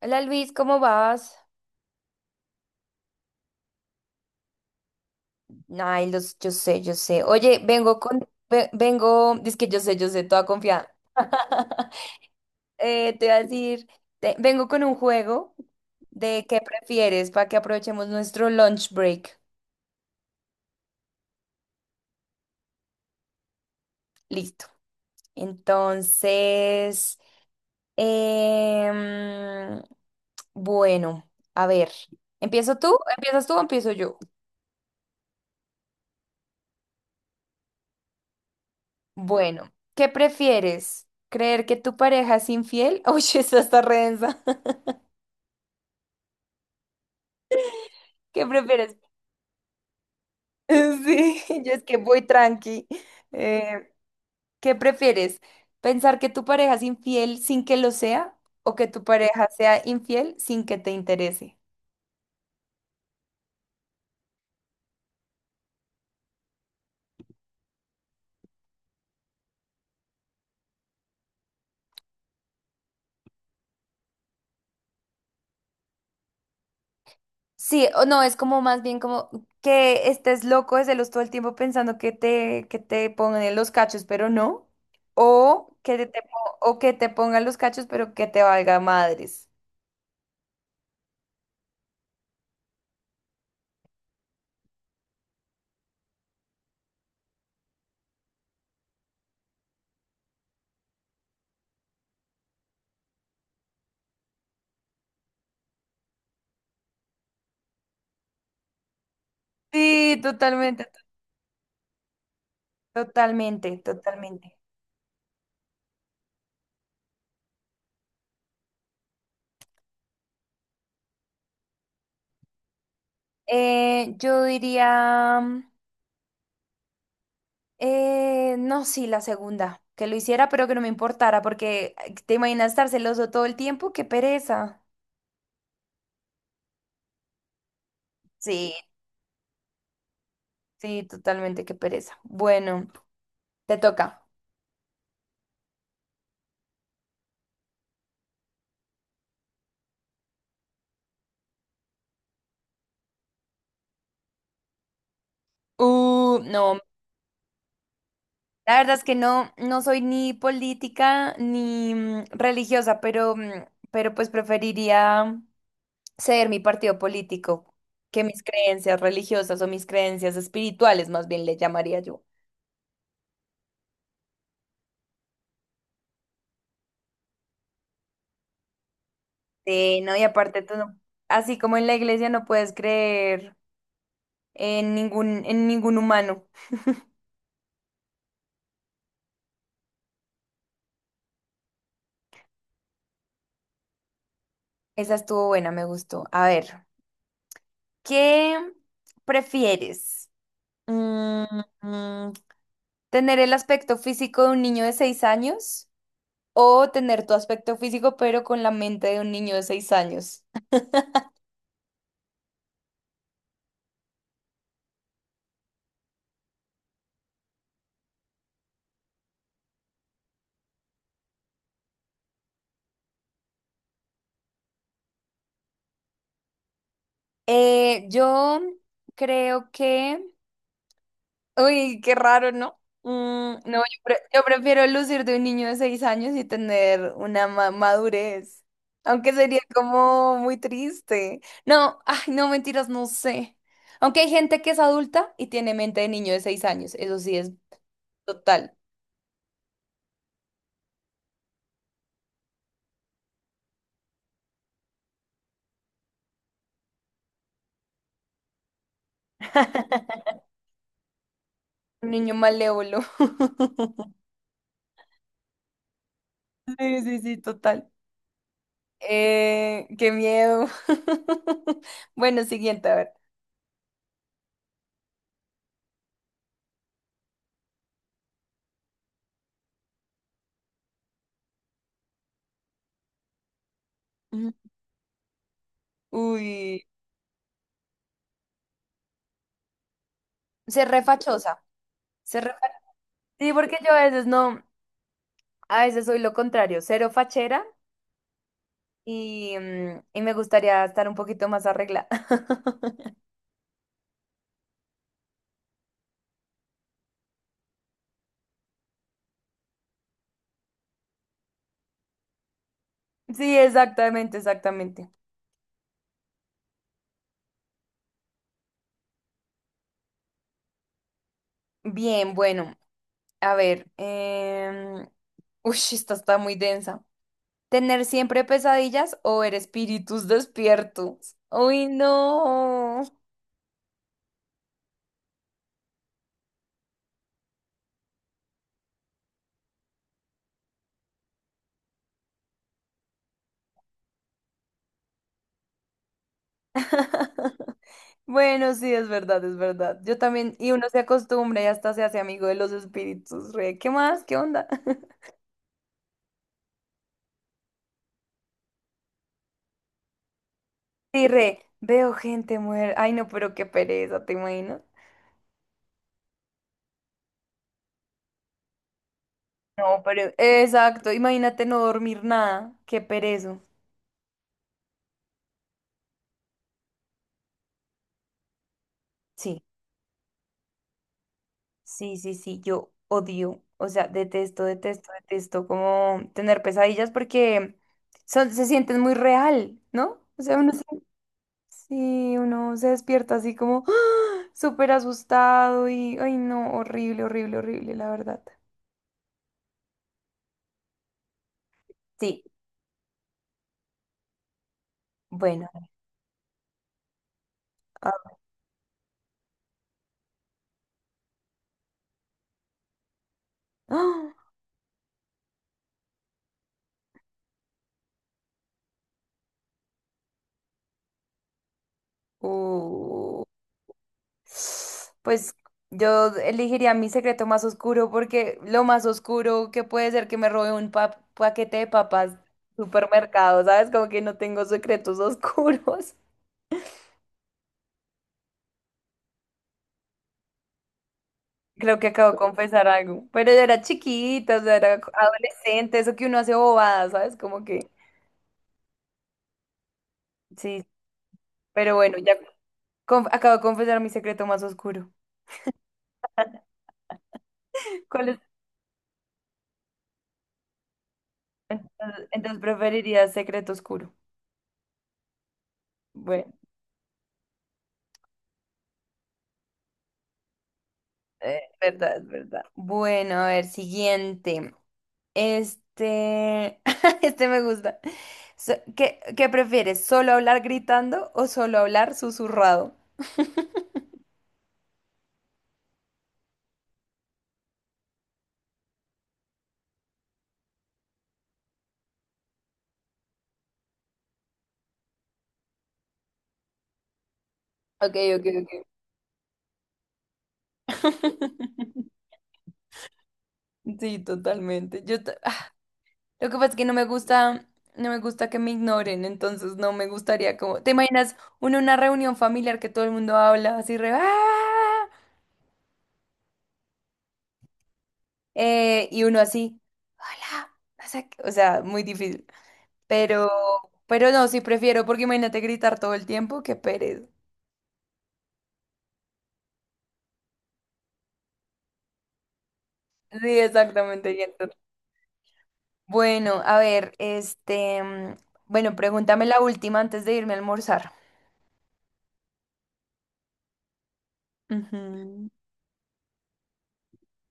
Hola Luis, ¿cómo vas? Ay, los, yo sé. Oye, vengo, es que yo sé, toda confiada. Te voy a decir, vengo con un juego de qué prefieres para que aprovechemos nuestro lunch break. Listo. Entonces, em, bueno, a ver, ¿empiezo tú? ¿Empiezas tú o empiezo yo? Bueno, ¿qué prefieres? ¿Creer que tu pareja es infiel? Uy, esa está re densa. ¿Qué prefieres? Sí, yo es que voy tranqui. Eh, ¿Qué prefieres? ¿Pensar que tu pareja es infiel sin que lo sea o que tu pareja sea infiel sin que te interese? Sí, o no, es como más bien como que estés loco de celos todo el tiempo pensando que te pongan los cachos, pero no. O que te po- o que te pongan los cachos, pero que te valga madres. Sí, totalmente. Yo diría. No, sí, la segunda, que lo hiciera pero que no me importara, porque ay, te imaginas estar celoso todo el tiempo, qué pereza. Sí, sí, totalmente, qué pereza. Bueno, te toca. No, la verdad es que no, no soy ni política ni religiosa, pero, pero pues preferiría ser mi partido político que mis creencias religiosas o mis creencias espirituales, más bien le llamaría yo. Sí, no, y aparte tú no, así como en la iglesia no puedes creer en ningún humano. Esa estuvo buena, me gustó. A ver, ¿qué prefieres? Mm, mm, ¿Tener el aspecto físico de un niño de seis años o tener tu aspecto físico pero con la mente de un niño de seis años? Yo creo que uy, qué raro, ¿no? No, yo prefiero lucir de un niño de seis años y tener una madurez. Aunque sería como muy triste. No, ay, no, mentiras, no sé. Aunque hay gente que es adulta y tiene mente de niño de seis años. Eso sí es total. Un niño malévolo. Sí, sí, sí, total. Qué miedo. Bueno, siguiente, a ver. Ujú. Uy, ser refachosa. Sí, porque yo a veces no, a veces soy lo contrario, cero fachera y, y me gustaría estar un poquito más arreglada. Sí, exactamente, exactamente. Bien, bueno, a ver, uy, esta está muy densa. ¿Tener siempre pesadillas o ver espíritus despiertos? Uy, no. Bueno, sí, es verdad, es verdad. Yo también, y uno se acostumbra y hasta se hace amigo de los espíritus, re. ¿Qué más? ¿Qué onda? Sí, re, veo gente muerta. Ay, no, pero qué pereza, ¿te imaginas? No, pero exacto, imagínate no dormir nada, qué perezo. Sí, sí, yo odio, o sea, detesto como tener pesadillas porque son, se sienten muy real, ¿no? O sea, uno se, sí, uno se despierta así como ¡ah! Súper asustado y, ay, no, horrible, la verdad. Sí, bueno. Ah, ¡ah! Uh. Pues yo elegiría mi secreto más oscuro porque lo más oscuro que puede ser que me robe un paquete de papas supermercado, ¿sabes? Como que no tengo secretos oscuros. Creo que acabo de confesar algo. Pero yo era chiquita, o sea, era adolescente, eso que uno hace bobadas, ¿sabes? Como que sí. Pero bueno, ya acabo de confesar mi secreto más oscuro. ¿Cuál es? Entonces preferiría secreto oscuro. Bueno. Verdad, es verdad. Bueno, a ver, siguiente. Este, este me gusta. ¿Qué, qué prefieres? ¿Solo hablar gritando o solo hablar susurrado? Ok, ok, ok. Sí, totalmente. Ah, lo que pasa es que no me gusta, no me gusta que me ignoren, entonces no me gustaría como. ¿Te imaginas uno en una reunión familiar que todo el mundo habla así re "ah", y uno así, hola, no sé qué, o sea, muy difícil. Pero, pero no, sí prefiero, porque imagínate gritar todo el tiempo, qué pereza. Sí, exactamente. Y entonces- Bueno, a ver, este, bueno, pregúntame la última antes de irme a almorzar. Ujú.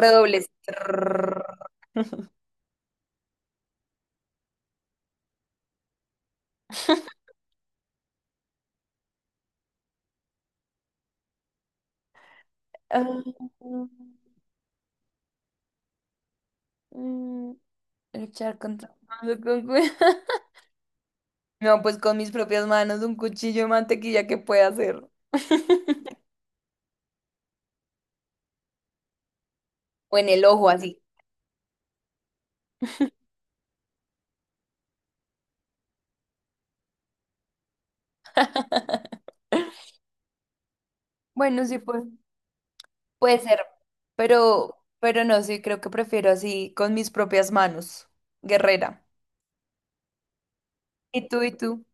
Redobles. Trrr. Ah, mm, luchar contra con cu- no, pues con mis propias manos, un cuchillo de mantequilla que pueda hacer. O en el ojo así. Bueno, sí, pues. Puede ser, pero no, sí, creo que prefiero así, con mis propias manos, guerrera. ¿Y tú y tú?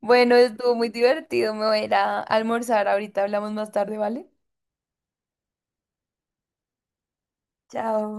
Bueno, estuvo muy divertido, me voy a ir a almorzar, ahorita hablamos más tarde, ¿vale? Chao.